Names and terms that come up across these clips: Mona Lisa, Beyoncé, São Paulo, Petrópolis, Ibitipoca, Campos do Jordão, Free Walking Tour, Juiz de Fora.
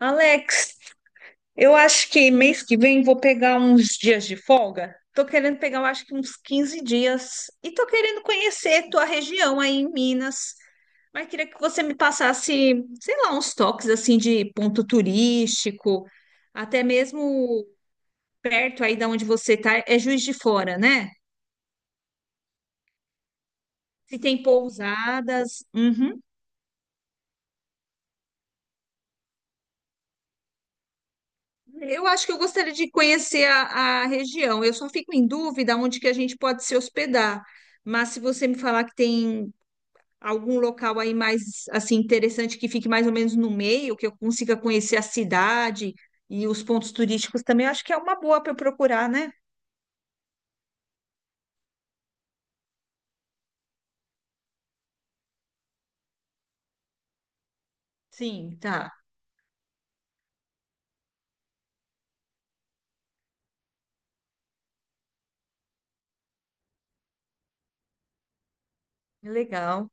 Alex, eu acho que mês que vem vou pegar uns dias de folga. Tô querendo pegar, eu acho que uns 15 dias. E tô querendo conhecer tua região aí em Minas. Mas queria que você me passasse, sei lá, uns toques assim de ponto turístico, até mesmo perto aí da onde você tá, é Juiz de Fora, né? Se tem pousadas. Uhum. Eu acho que eu gostaria de conhecer a região. Eu só fico em dúvida onde que a gente pode se hospedar. Mas se você me falar que tem algum local aí mais assim interessante que fique mais ou menos no meio, que eu consiga conhecer a cidade e os pontos turísticos também, eu acho que é uma boa para eu procurar, né? Sim, tá. Legal.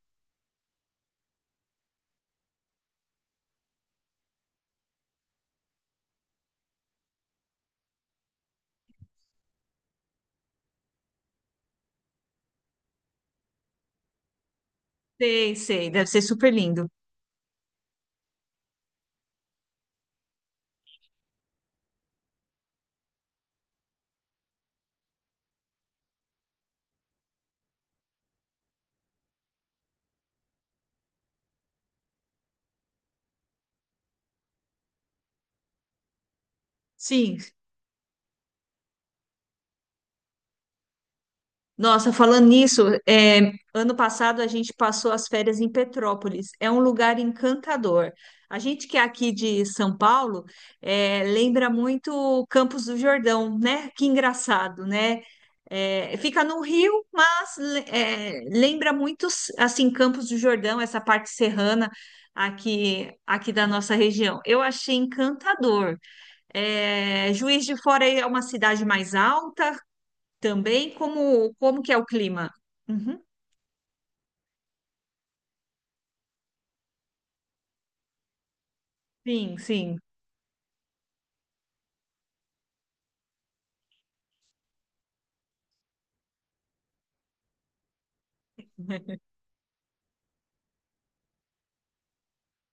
Sei, sei, deve ser super lindo. Sim. Nossa, falando nisso, ano passado a gente passou as férias em Petrópolis. É um lugar encantador. A gente que é aqui de São Paulo, lembra muito o Campos do Jordão, né? Que engraçado, né? É, fica no Rio, é, lembra muito assim Campos do Jordão, essa parte serrana aqui da nossa região. Eu achei encantador. É, Juiz de Fora é uma cidade mais alta. Também como que é o clima? Uhum. Sim, sim.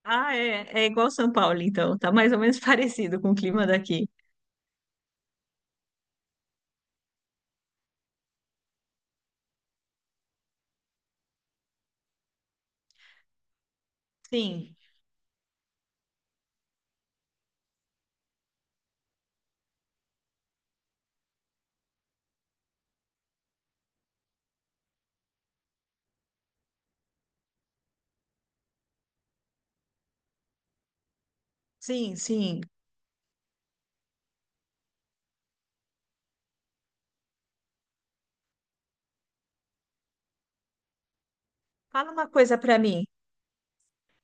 Ah, é, é igual São Paulo, então. Tá mais ou menos parecido com o clima daqui. Sim, sim, sim. Fala uma coisa para mim.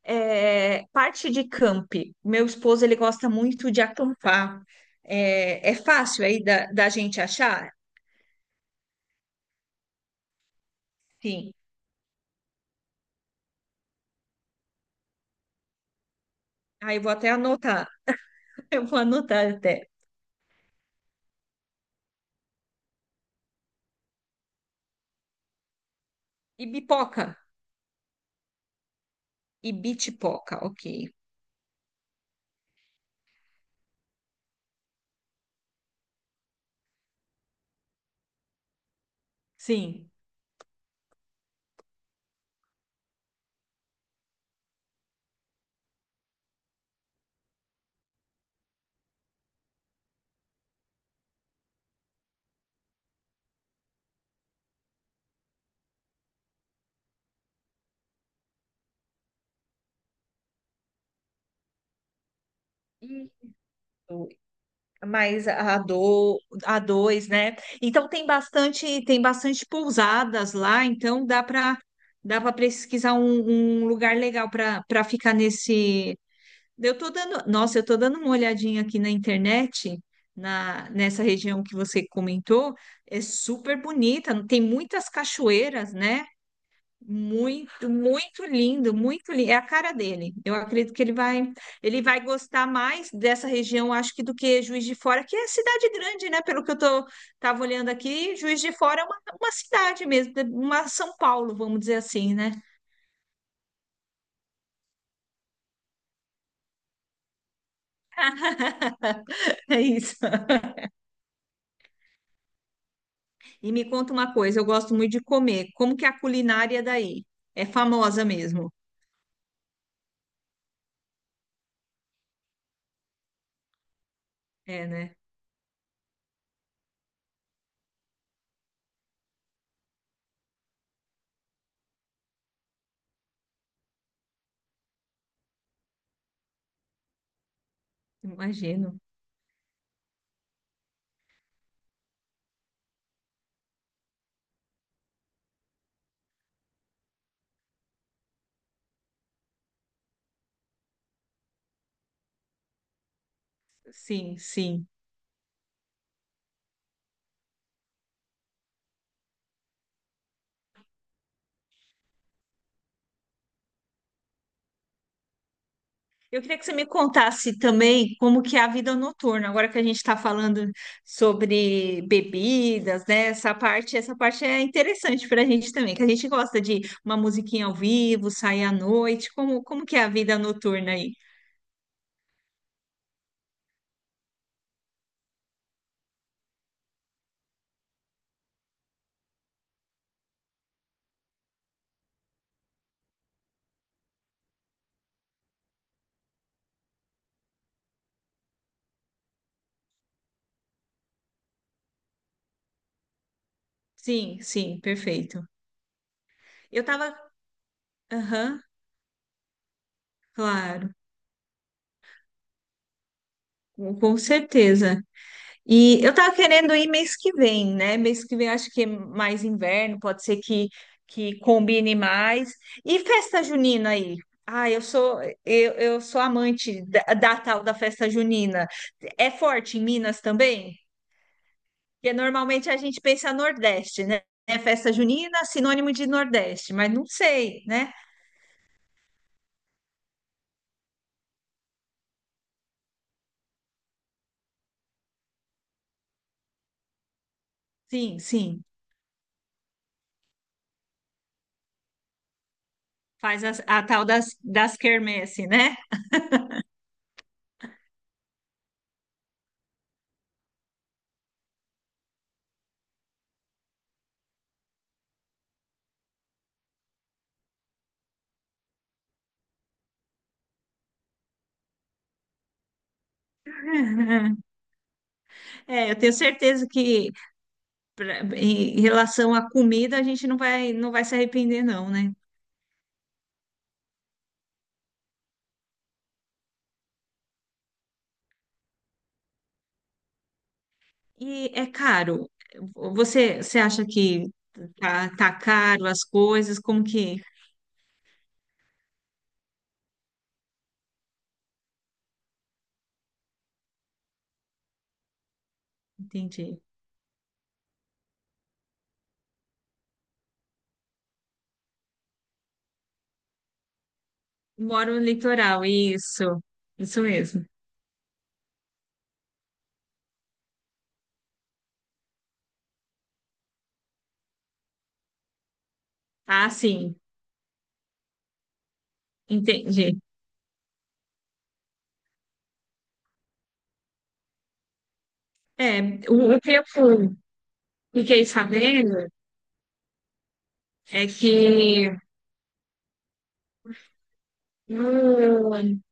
É, parte de camp. Meu esposo, ele gosta muito de acampar. É, é fácil aí da gente achar? Sim. Aí eu vou até anotar. Eu vou anotar até. Ibipoca. Ibitipoca, ok. Sim. Isso. mais a do A dois, né? Então tem bastante pousadas lá, então dá para pesquisar um lugar legal para ficar nesse. Eu tô dando, nossa, eu tô dando uma olhadinha aqui na internet, na nessa região que você comentou, é super bonita, tem muitas cachoeiras, né? Muito, muito lindo, muito lindo. É a cara dele. Eu acredito que ele vai gostar mais dessa região, acho que do que Juiz de Fora, que é cidade grande, né? Pelo que eu tô, tava olhando aqui, Juiz de Fora é uma cidade mesmo, uma São Paulo, vamos dizer assim, né? É isso. E me conta uma coisa, eu gosto muito de comer. Como que é a culinária daí? É famosa mesmo. É, né? Imagino. Sim, sim. Eu queria que você me contasse também como que é a vida noturna, agora que a gente está falando sobre bebidas, né? Essa parte é interessante para a gente também, que a gente gosta de uma musiquinha ao vivo, sair à noite. Como que é a vida noturna aí? Sim, sim, perfeito. Eu tava, aham, claro, com certeza. E eu tava querendo ir mês que vem, né? Mês que vem eu acho que é mais inverno, que combine mais. E festa junina aí? Ah, eu sou amante da tal da festa junina. É forte em Minas também? Porque normalmente a gente pensa Nordeste, né? É festa junina, sinônimo de Nordeste, mas não sei, né? Sim, sim. Faz tal das quermesse, né? É, eu tenho certeza que em relação à comida, a gente não vai se arrepender, não, né? E é caro. Você acha que tá caro as coisas? Como que? Entendi. Moro no litoral, isso. Isso mesmo. Ah, sim, entendi. É, o que fiquei sabendo é que no,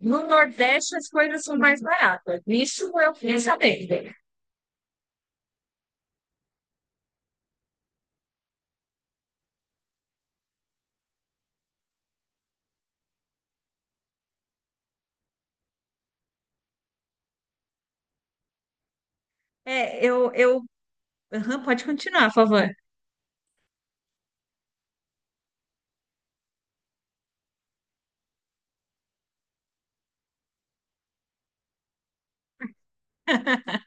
no Nordeste as coisas são mais baratas. Isso eu fiquei sabendo. É, eu... Aham, pode continuar, por favor.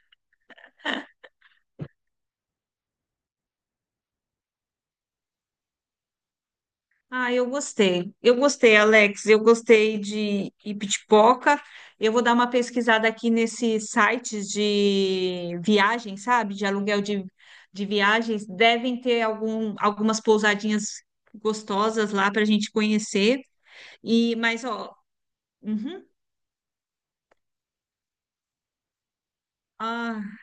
Ah, eu gostei. Eu gostei, Alex. Eu gostei de Ibitipoca. Eu vou dar uma pesquisada aqui nesses sites de viagem, sabe? De viagens. Devem ter algumas pousadinhas gostosas lá para a gente conhecer. E, mas, ó, uhum, ah,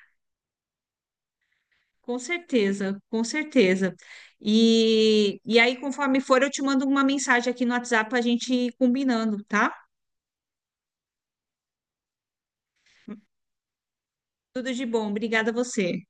com certeza, com certeza. E aí, conforme for, eu te mando uma mensagem aqui no WhatsApp para a gente ir combinando, tá? Tudo de bom. Obrigada a você.